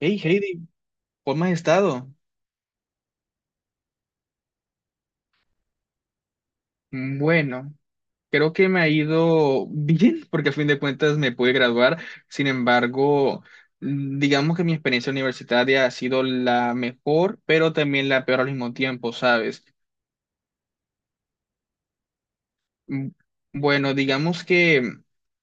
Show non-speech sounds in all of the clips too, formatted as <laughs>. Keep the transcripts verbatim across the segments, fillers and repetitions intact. Hey Heidi, ¿cómo has estado? Bueno, creo que me ha ido <laughs> bien, porque a fin de cuentas me pude graduar. Sin embargo, mm, digamos que mi experiencia universitaria ha sido la mejor, pero también la peor al mismo tiempo, ¿sabes? Mm, Bueno, digamos que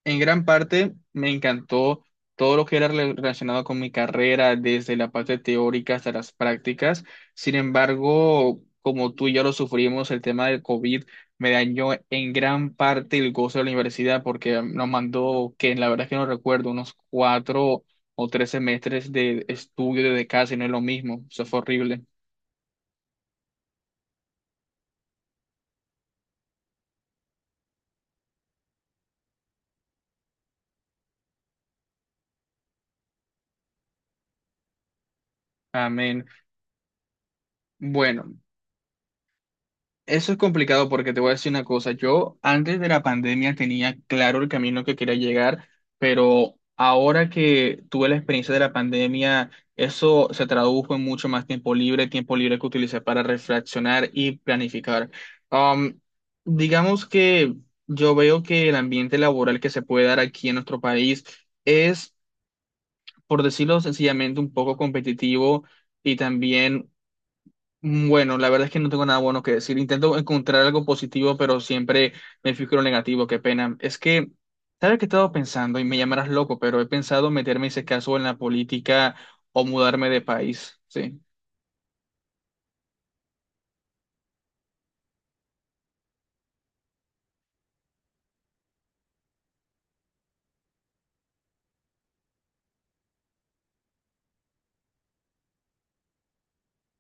en gran parte me encantó todo lo que era rela- relacionado con mi carrera, desde la parte teórica hasta las prácticas. Sin embargo, como tú y yo lo sufrimos, el tema del COVID me dañó en gran parte el gozo de la universidad porque nos mandó, que la verdad es que no recuerdo, unos cuatro o tres semestres de estudio desde casa y no es lo mismo. Eso fue horrible. Amén. Bueno. Eso es complicado porque te voy a decir una cosa. Yo antes de la pandemia tenía claro el camino que quería llegar, pero ahora que tuve la experiencia de la pandemia, eso se tradujo en mucho más tiempo libre, tiempo libre que utilicé para reflexionar y planificar. Um, digamos que yo veo que el ambiente laboral que se puede dar aquí en nuestro país es, por decirlo sencillamente, un poco competitivo y también. Mm, Bueno, la verdad es que no tengo nada bueno que decir. Intento encontrar algo positivo, pero siempre me fijo en lo negativo, qué pena. Es que, ¿sabes qué he estado pensando? Y me llamarás loco, pero he pensado meterme, en ese caso, en la política o mudarme de país, ¿sí?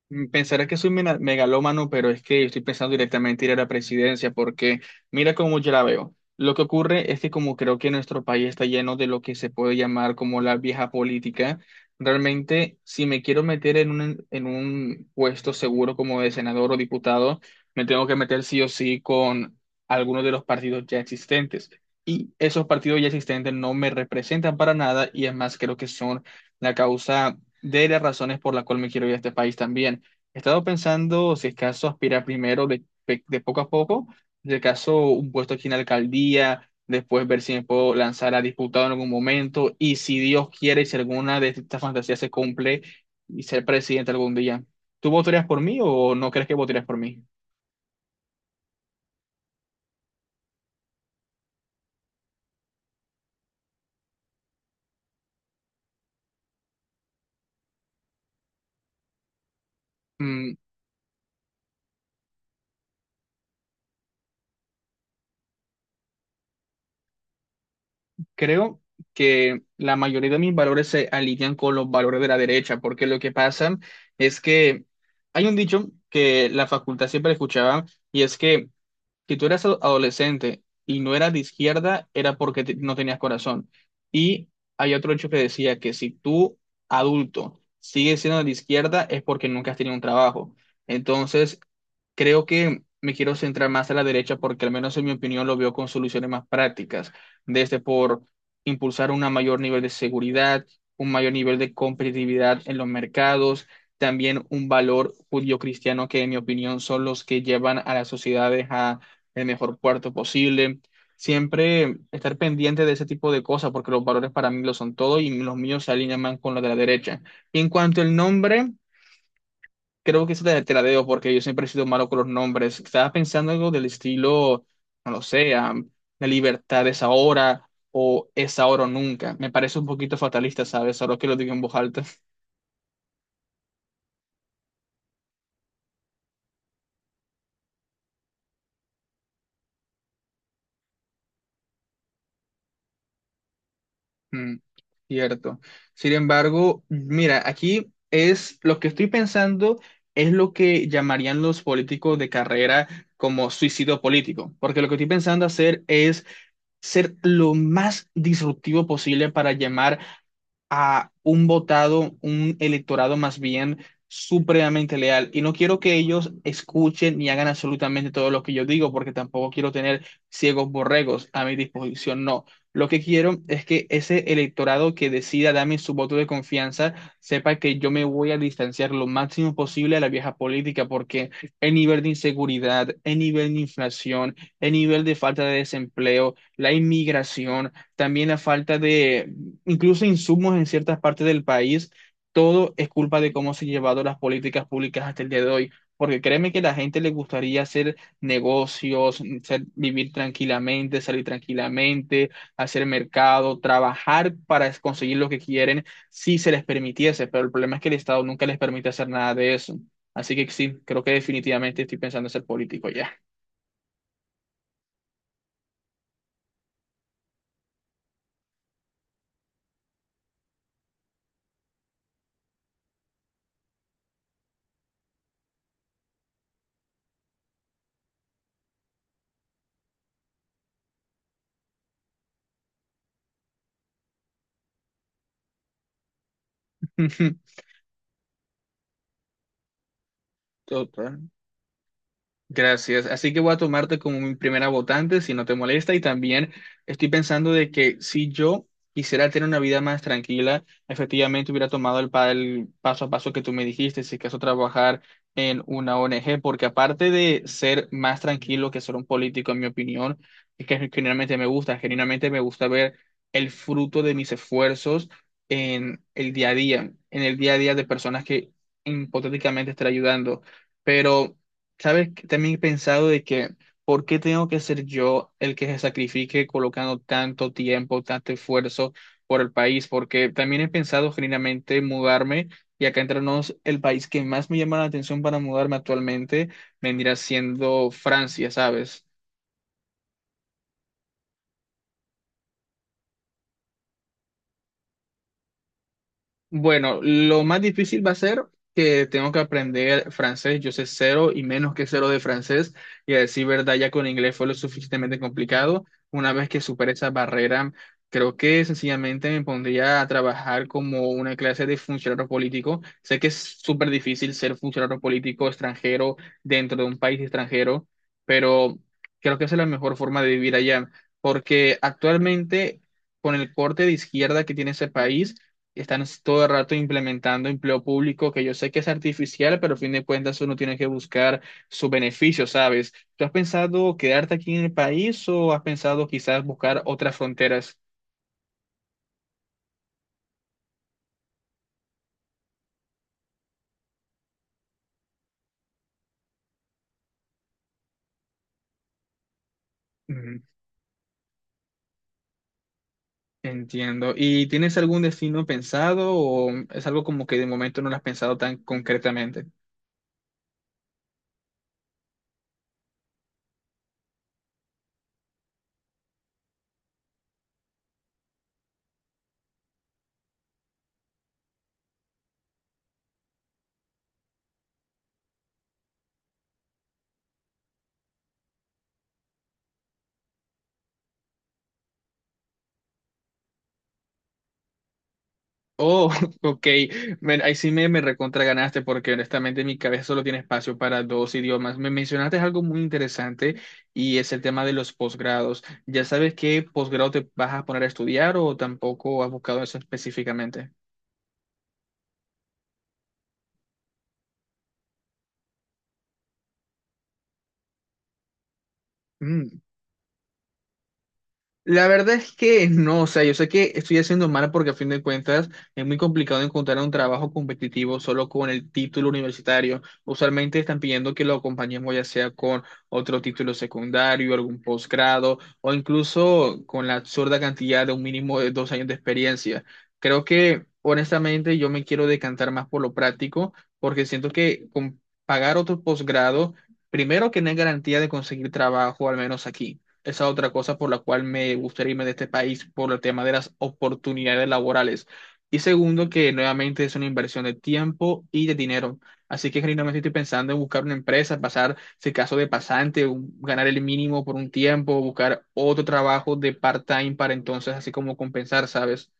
Mm, Pensarás que soy mena- megalómano, pero es que estoy pensando directamente ir a la presidencia, porque mira cómo yo la veo. Lo que ocurre es que como creo que nuestro país está lleno de lo que se puede llamar como la vieja política, realmente si me quiero meter en un, en un puesto seguro como de senador o diputado, me tengo que meter sí o sí con alguno de los partidos ya existentes. Y esos partidos ya existentes no me representan para nada y es más, creo que son la causa de las razones por la cual me quiero ir a este país también. He estado pensando si es caso aspirar primero de, pe- de poco a poco, si es caso un puesto aquí en la alcaldía, después ver si me puedo lanzar a diputado en algún momento y si Dios quiere y si alguna de estas fantasías se cumple y ser presidente algún día. ¿Tú votarías por mí o no crees que votarías por mí? Mm, Creo que la mayoría de mis valores se alinean con los valores de la derecha, porque lo que pasa es que hay un dicho que la facultad siempre escuchaba y es que si tú eras ado- adolescente y no eras de izquierda, era porque te- no tenías corazón. Y hay otro hecho que decía que si tú, adulto, sigues siendo de izquierda, es porque nunca has tenido un trabajo. Entonces, creo que me quiero centrar más a la derecha porque al menos en mi opinión lo veo con soluciones más prácticas, desde por impulsar un mayor nivel de seguridad, un mayor nivel de competitividad en los mercados, también un valor judío-cristiano que en mi opinión son los que llevan a las sociedades a el mejor cuarto posible. Siempre estar pendiente de ese tipo de cosas, porque los valores para mí lo son todo y los míos se alinean más con los de la derecha. Y en cuanto al nombre, creo que eso te, te la debo, porque yo siempre he sido malo con los nombres. Estaba pensando algo del estilo, no lo sé, ah, la libertad es ahora o es ahora o nunca. Me parece un poquito fatalista, ¿sabes? Ahora que lo digo en voz alta. Mm, Cierto. Sin embargo, mira, aquí es lo que estoy pensando es lo que llamarían los políticos de carrera como suicidio político, porque lo que estoy pensando hacer es ser lo más disruptivo posible para llamar a un votado, un electorado más bien supremamente leal. Y no quiero que ellos escuchen ni hagan absolutamente todo lo que yo digo, porque tampoco quiero tener ciegos borregos a mi disposición, no. Lo que quiero es que ese electorado que decida darme su voto de confianza sepa que yo me voy a distanciar lo máximo posible a la vieja política, porque el nivel de inseguridad, el nivel de inflación, el nivel de falta de desempleo, la inmigración, también la falta de incluso insumos en ciertas partes del país, todo es culpa de cómo se han llevado las políticas públicas hasta el día de hoy. Porque créeme que a la gente le gustaría hacer negocios, ser- vivir tranquilamente, salir tranquilamente, hacer mercado, trabajar para es- conseguir lo que quieren, si se les permitiese. Pero el problema es que el Estado nunca les permite hacer nada de eso. Así que sí, creo que definitivamente estoy pensando en ser político ya. <laughs> Total. Gracias. Así que voy a tomarte como mi primera votante, si no te molesta. Y también estoy pensando de que si yo quisiera tener una vida más tranquila, efectivamente hubiera tomado el, pa- el paso a paso que tú me dijiste, si acaso trabajar en una O N G, porque aparte de ser más tranquilo que ser un político, en mi opinión, es que generalmente me gusta, genuinamente me gusta ver el fruto de mis esfuerzos en el día a día, en el día a día de personas que hipotéticamente estaré ayudando. Pero ¿sabes? Que también he pensado de que, ¿por qué tengo que ser yo el que se sacrifique colocando tanto tiempo, tanto esfuerzo por el país? Porque también he pensado genuinamente mudarme y acá entre nos, el país que más me llama la atención para mudarme actualmente vendría siendo Francia, ¿sabes? Bueno, lo más difícil va a ser que tengo que aprender francés. Yo sé cero y menos que cero de francés. Y a decir verdad, ya con inglés fue lo suficientemente complicado. Una vez que supere esa barrera, creo que sencillamente me pondría a trabajar como una clase de funcionario político. Sé que es súper difícil ser funcionario político extranjero dentro de un país extranjero, pero creo que esa es la mejor forma de vivir allá. Porque actualmente, con el corte de izquierda que tiene ese país, están todo el rato implementando empleo público que yo sé que es artificial, pero a fin de cuentas uno tiene que buscar su beneficio, ¿sabes? ¿Tú has pensado quedarte aquí en el país o has pensado quizás buscar otras fronteras? Mm, Entiendo. ¿Y tienes algún destino pensado o es algo como que de momento no lo has pensado tan concretamente? Oh, <laughs> ok. Me- ahí sí me, me recontra ganaste porque honestamente mi cabeza solo tiene espacio para dos idiomas. Me mencionaste algo muy interesante y es el tema de los posgrados. ¿Ya sabes qué posgrado te vas a poner a estudiar o tampoco has buscado eso específicamente? La verdad es que no, o sea, yo sé que estoy haciendo mal porque a fin de cuentas es muy complicado encontrar un trabajo competitivo solo con el título universitario. Usualmente están pidiendo que lo acompañemos ya sea con otro título secundario, algún posgrado o incluso con la absurda cantidad de un mínimo de dos años de experiencia. Creo que honestamente yo me quiero decantar más por lo práctico porque siento que con pagar otro posgrado, primero que no hay garantía de conseguir trabajo, al menos aquí. Esa otra cosa por la cual me gustaría irme de este país por el tema de las oportunidades laborales. Y segundo, que nuevamente es una inversión de tiempo y de dinero. Así que genuinamente estoy pensando en buscar una empresa, pasar, si caso de pasante, un- ganar el mínimo por un tiempo, buscar otro trabajo de part-time para entonces así como compensar, ¿sabes?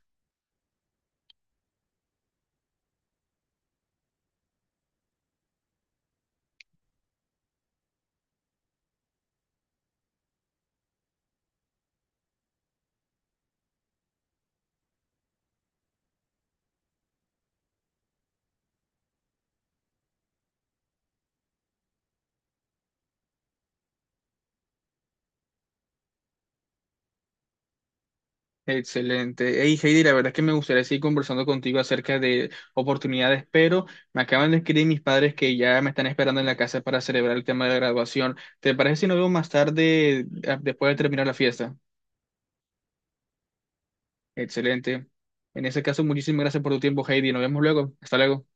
Excelente. Hey Heidi, la verdad es que me gustaría seguir conversando contigo acerca de oportunidades, pero me acaban de escribir mis padres que ya me están esperando en la casa para celebrar el tema de graduación. ¿Te parece si nos vemos más tarde, a- después de terminar la fiesta? Excelente. En ese caso, muchísimas gracias por tu tiempo, Heidi. Nos vemos luego. Hasta luego.